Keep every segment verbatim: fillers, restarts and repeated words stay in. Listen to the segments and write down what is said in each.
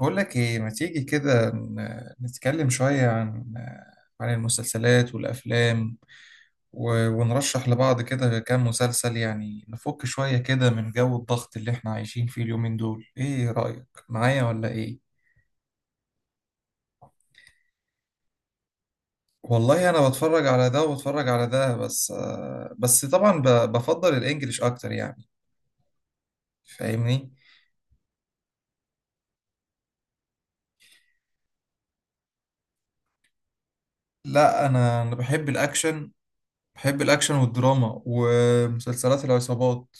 بقول لك ايه، ما تيجي كده ن- نتكلم شوية عن عن المسلسلات والأفلام، و- ونرشح لبعض كده كام مسلسل، يعني نفك شوية كده من جو الضغط اللي احنا عايشين فيه اليومين دول. ايه رأيك، معايا ولا ايه؟ والله انا بتفرج على ده وبتفرج على ده، بس آه، بس طبعا ب- بفضل الانجليش اكتر يعني. فاهمني؟ لا، انا انا بحب الاكشن، بحب الاكشن والدراما ومسلسلات العصابات.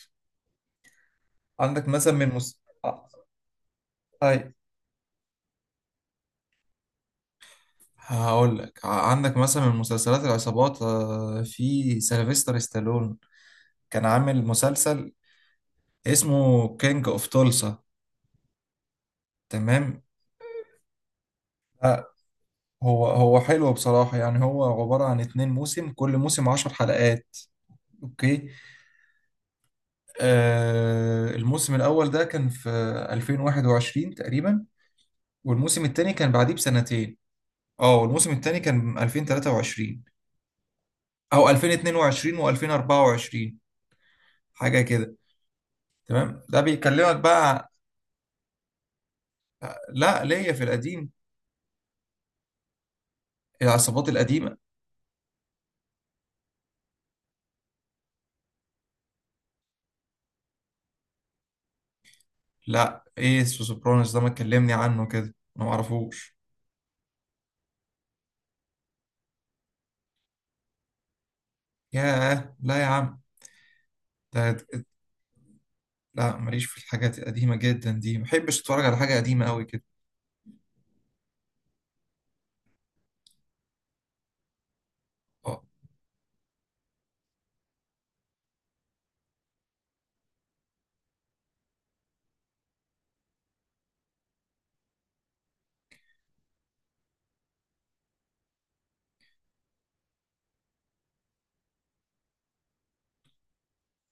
عندك مثلا من مس... هقول لك، ع- عندك مثلا من مسلسلات العصابات، آه، في سيلفستر ستالون كان عامل مسلسل اسمه كينج اوف تولسا. تمام، آه، هو هو حلو بصراحة. يعني هو عبارة عن اتنين موسم، كل موسم عشر حلقات. اوكي. آه الموسم الأول ده كان في ألفين وواحد وعشرين تقريبا، والموسم التاني كان بعديه بسنتين. اه، والموسم التاني كان ألفين وتلاتة وعشرين أو ألفين واتنين وعشرين و2024، حاجة كده. تمام، ده بيكلمك بقى. لا، ليا في القديم، العصابات القديمة. لا، ايس وسوبرانوس ده ما تكلمني عنه كده، انا ما اعرفوش. ياه لا يا عم، ده لا. ماليش في الحاجات القديمة جدا دي، ما بحبش اتفرج على حاجة قديمة قوي كده. اه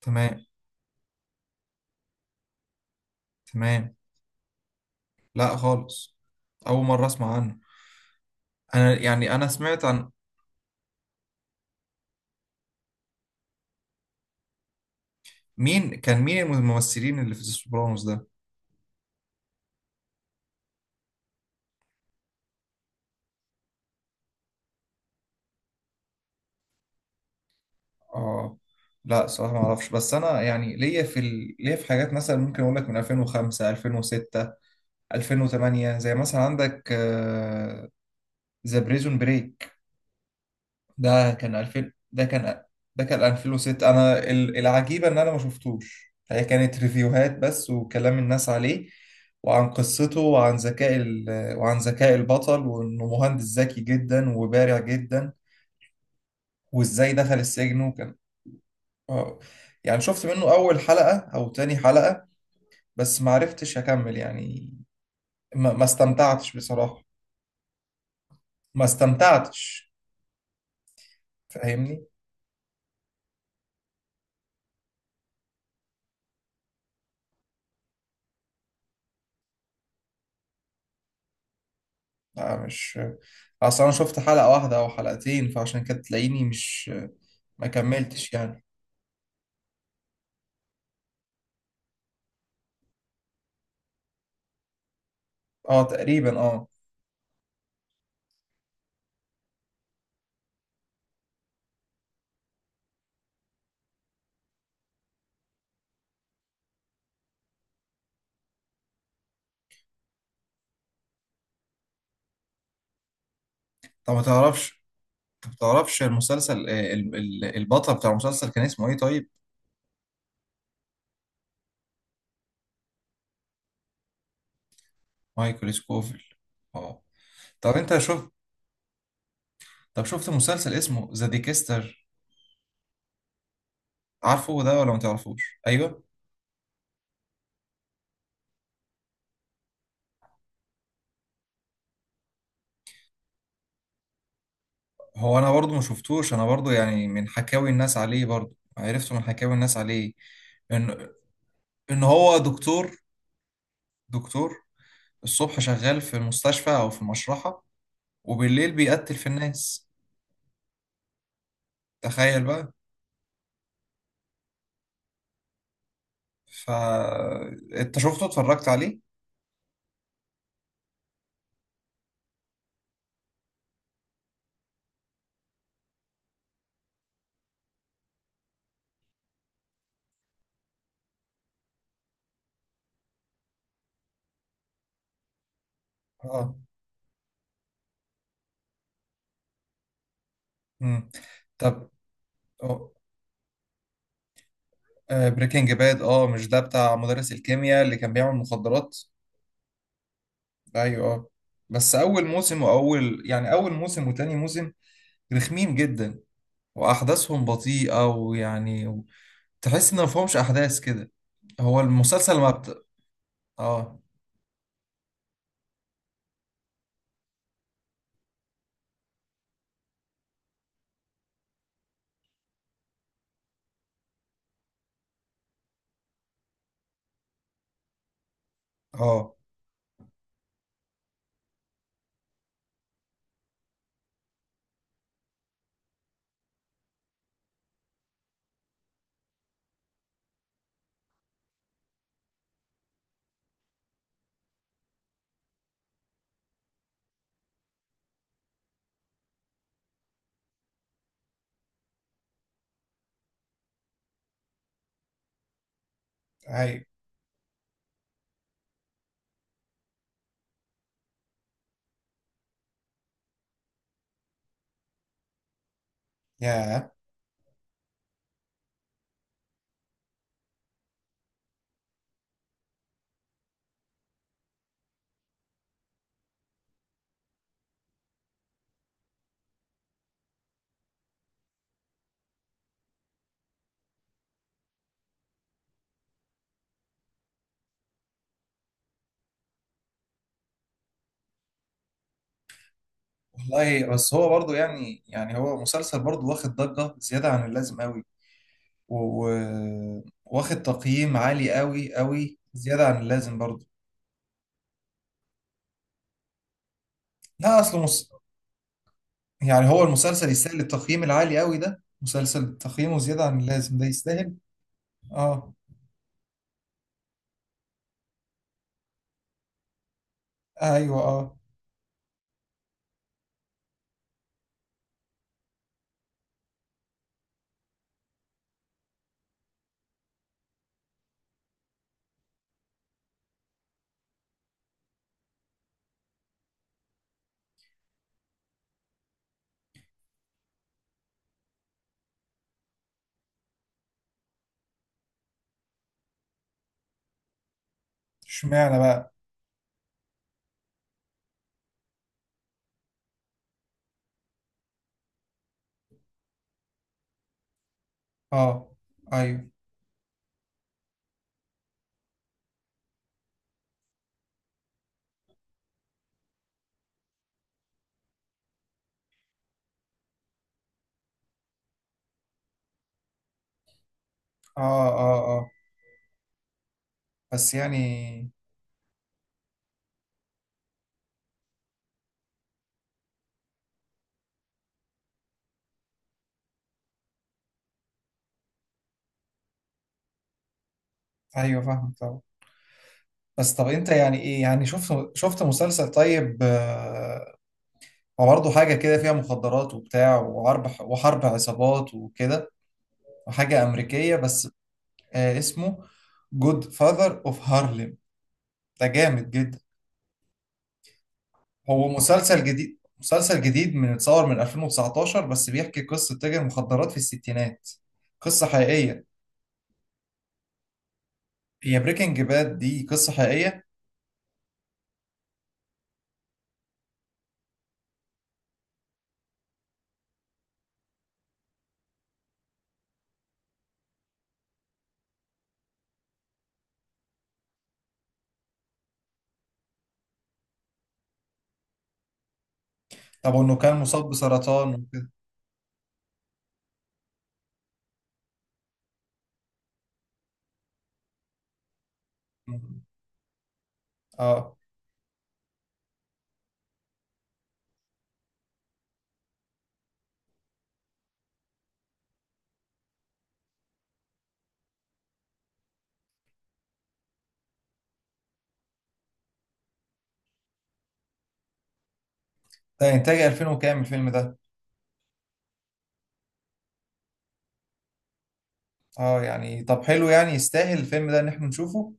تمام، تمام. لا خالص، اول مرة اسمع عنه. انا يعني، انا سمعت عن، مين كان، مين الممثلين اللي في سوبرانوس ده؟ اه، لا صراحة ما اعرفش، بس انا يعني ليا في ال... ليا في حاجات مثلا ممكن اقول لك من ألفين وخمسة، ألفين وستة، ألفين وثمانية. زي مثلا عندك ذا بريزون بريك، ده كان ألفين، ده كان، ده كان ألفين وستة. انا ال- العجيبه ان انا ما شفتوش، هي كانت ريفيوهات بس وكلام الناس عليه، وعن قصته وعن ذكاء ال- وعن ذكاء البطل، وانه مهندس ذكي جدا وبارع جدا، وازاي دخل السجن. وكان، آه، يعني شفت منه اول حلقه او تاني حلقه، بس ما عرفتش اكمل يعني. ما ما استمتعتش بصراحه. ما استمتعتش، فاهمني. لا مش، اصل انا شفت حلقة واحدة او حلقتين، فعشان كده تلاقيني مش. ما كملتش يعني. اه تقريبا اه. طب ما تعرفش، طب ما تعرفش المسلسل آه، ال- ال- البطل بتاع المسلسل كان اسمه ايه طيب؟ مايكل سكوفيل. اه. طب انت شوف، طب شفت مسلسل اسمه ذا ديكستر؟ عارفه ده ولا ما تعرفوش؟ ايوه. هو انا برضو ما شفتوش، انا برضو يعني من حكاوي الناس عليه، برضو عرفته من حكاوي الناس عليه. ان ان هو دكتور، دكتور. الصبح شغال في المستشفى أو في المشرحة، وبالليل بيقتل في الناس. تخيل بقى. ف، أنت شفته اتفرجت عليه؟ اه. مم. طب بريكنج باد؟ اه، مش ده بتاع مدرس الكيمياء اللي كان بيعمل مخدرات؟ ايوه اه. بس اول موسم، واول يعني اول موسم وتاني موسم رخمين جدا، واحداثهم بطيئه، ويعني تحس ان مفهومش احداث كده. هو المسلسل ما بت... اه، اه، ايوه، ياه. والله بس هو برضو يعني، يعني هو مسلسل برضو واخد ضجة زيادة عن اللازم قوي، و- و- واخد تقييم عالي قوي قوي زيادة عن اللازم برضو. لا، اصله مس... يعني هو المسلسل يستاهل التقييم العالي قوي ده؟ مسلسل تقييمه زيادة عن اللازم ده يستاهل؟ اه، ايوه، اه. اشمعنى بقى؟ اه، ايوه، اه، اه، اه. بس يعني، ايوه فاهمك طبعا. بس طب انت يعني ايه، يعني شفت، شفت مسلسل طيب، آه، وبرضه حاجة كده فيها مخدرات وبتاع وحرب، وحرب عصابات وكده، وحاجة أمريكية بس. آه اسمه جود فاذر اوف هارلم. ده جامد جدا. هو مسلسل جديد، مسلسل جديد من اتصور من ألفين وتسعتاشر، بس بيحكي قصة تاجر مخدرات في الستينات. قصة حقيقية. هي بريكنج باد دي قصة حقيقية؟ طب وإنه كان مصاب بسرطان وكده؟ اه، ده إنتاج ألفين وكام الفيلم ده؟ اه يعني، طب حلو يعني، يستاهل الفيلم ده إن احنا نشوفه.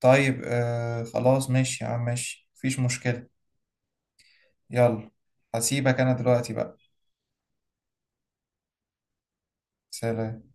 طيب آه خلاص، ماشي يا عم، ماشي، مفيش مشكلة. يلا. هسيبك أنا دلوقتي بقى. سلام.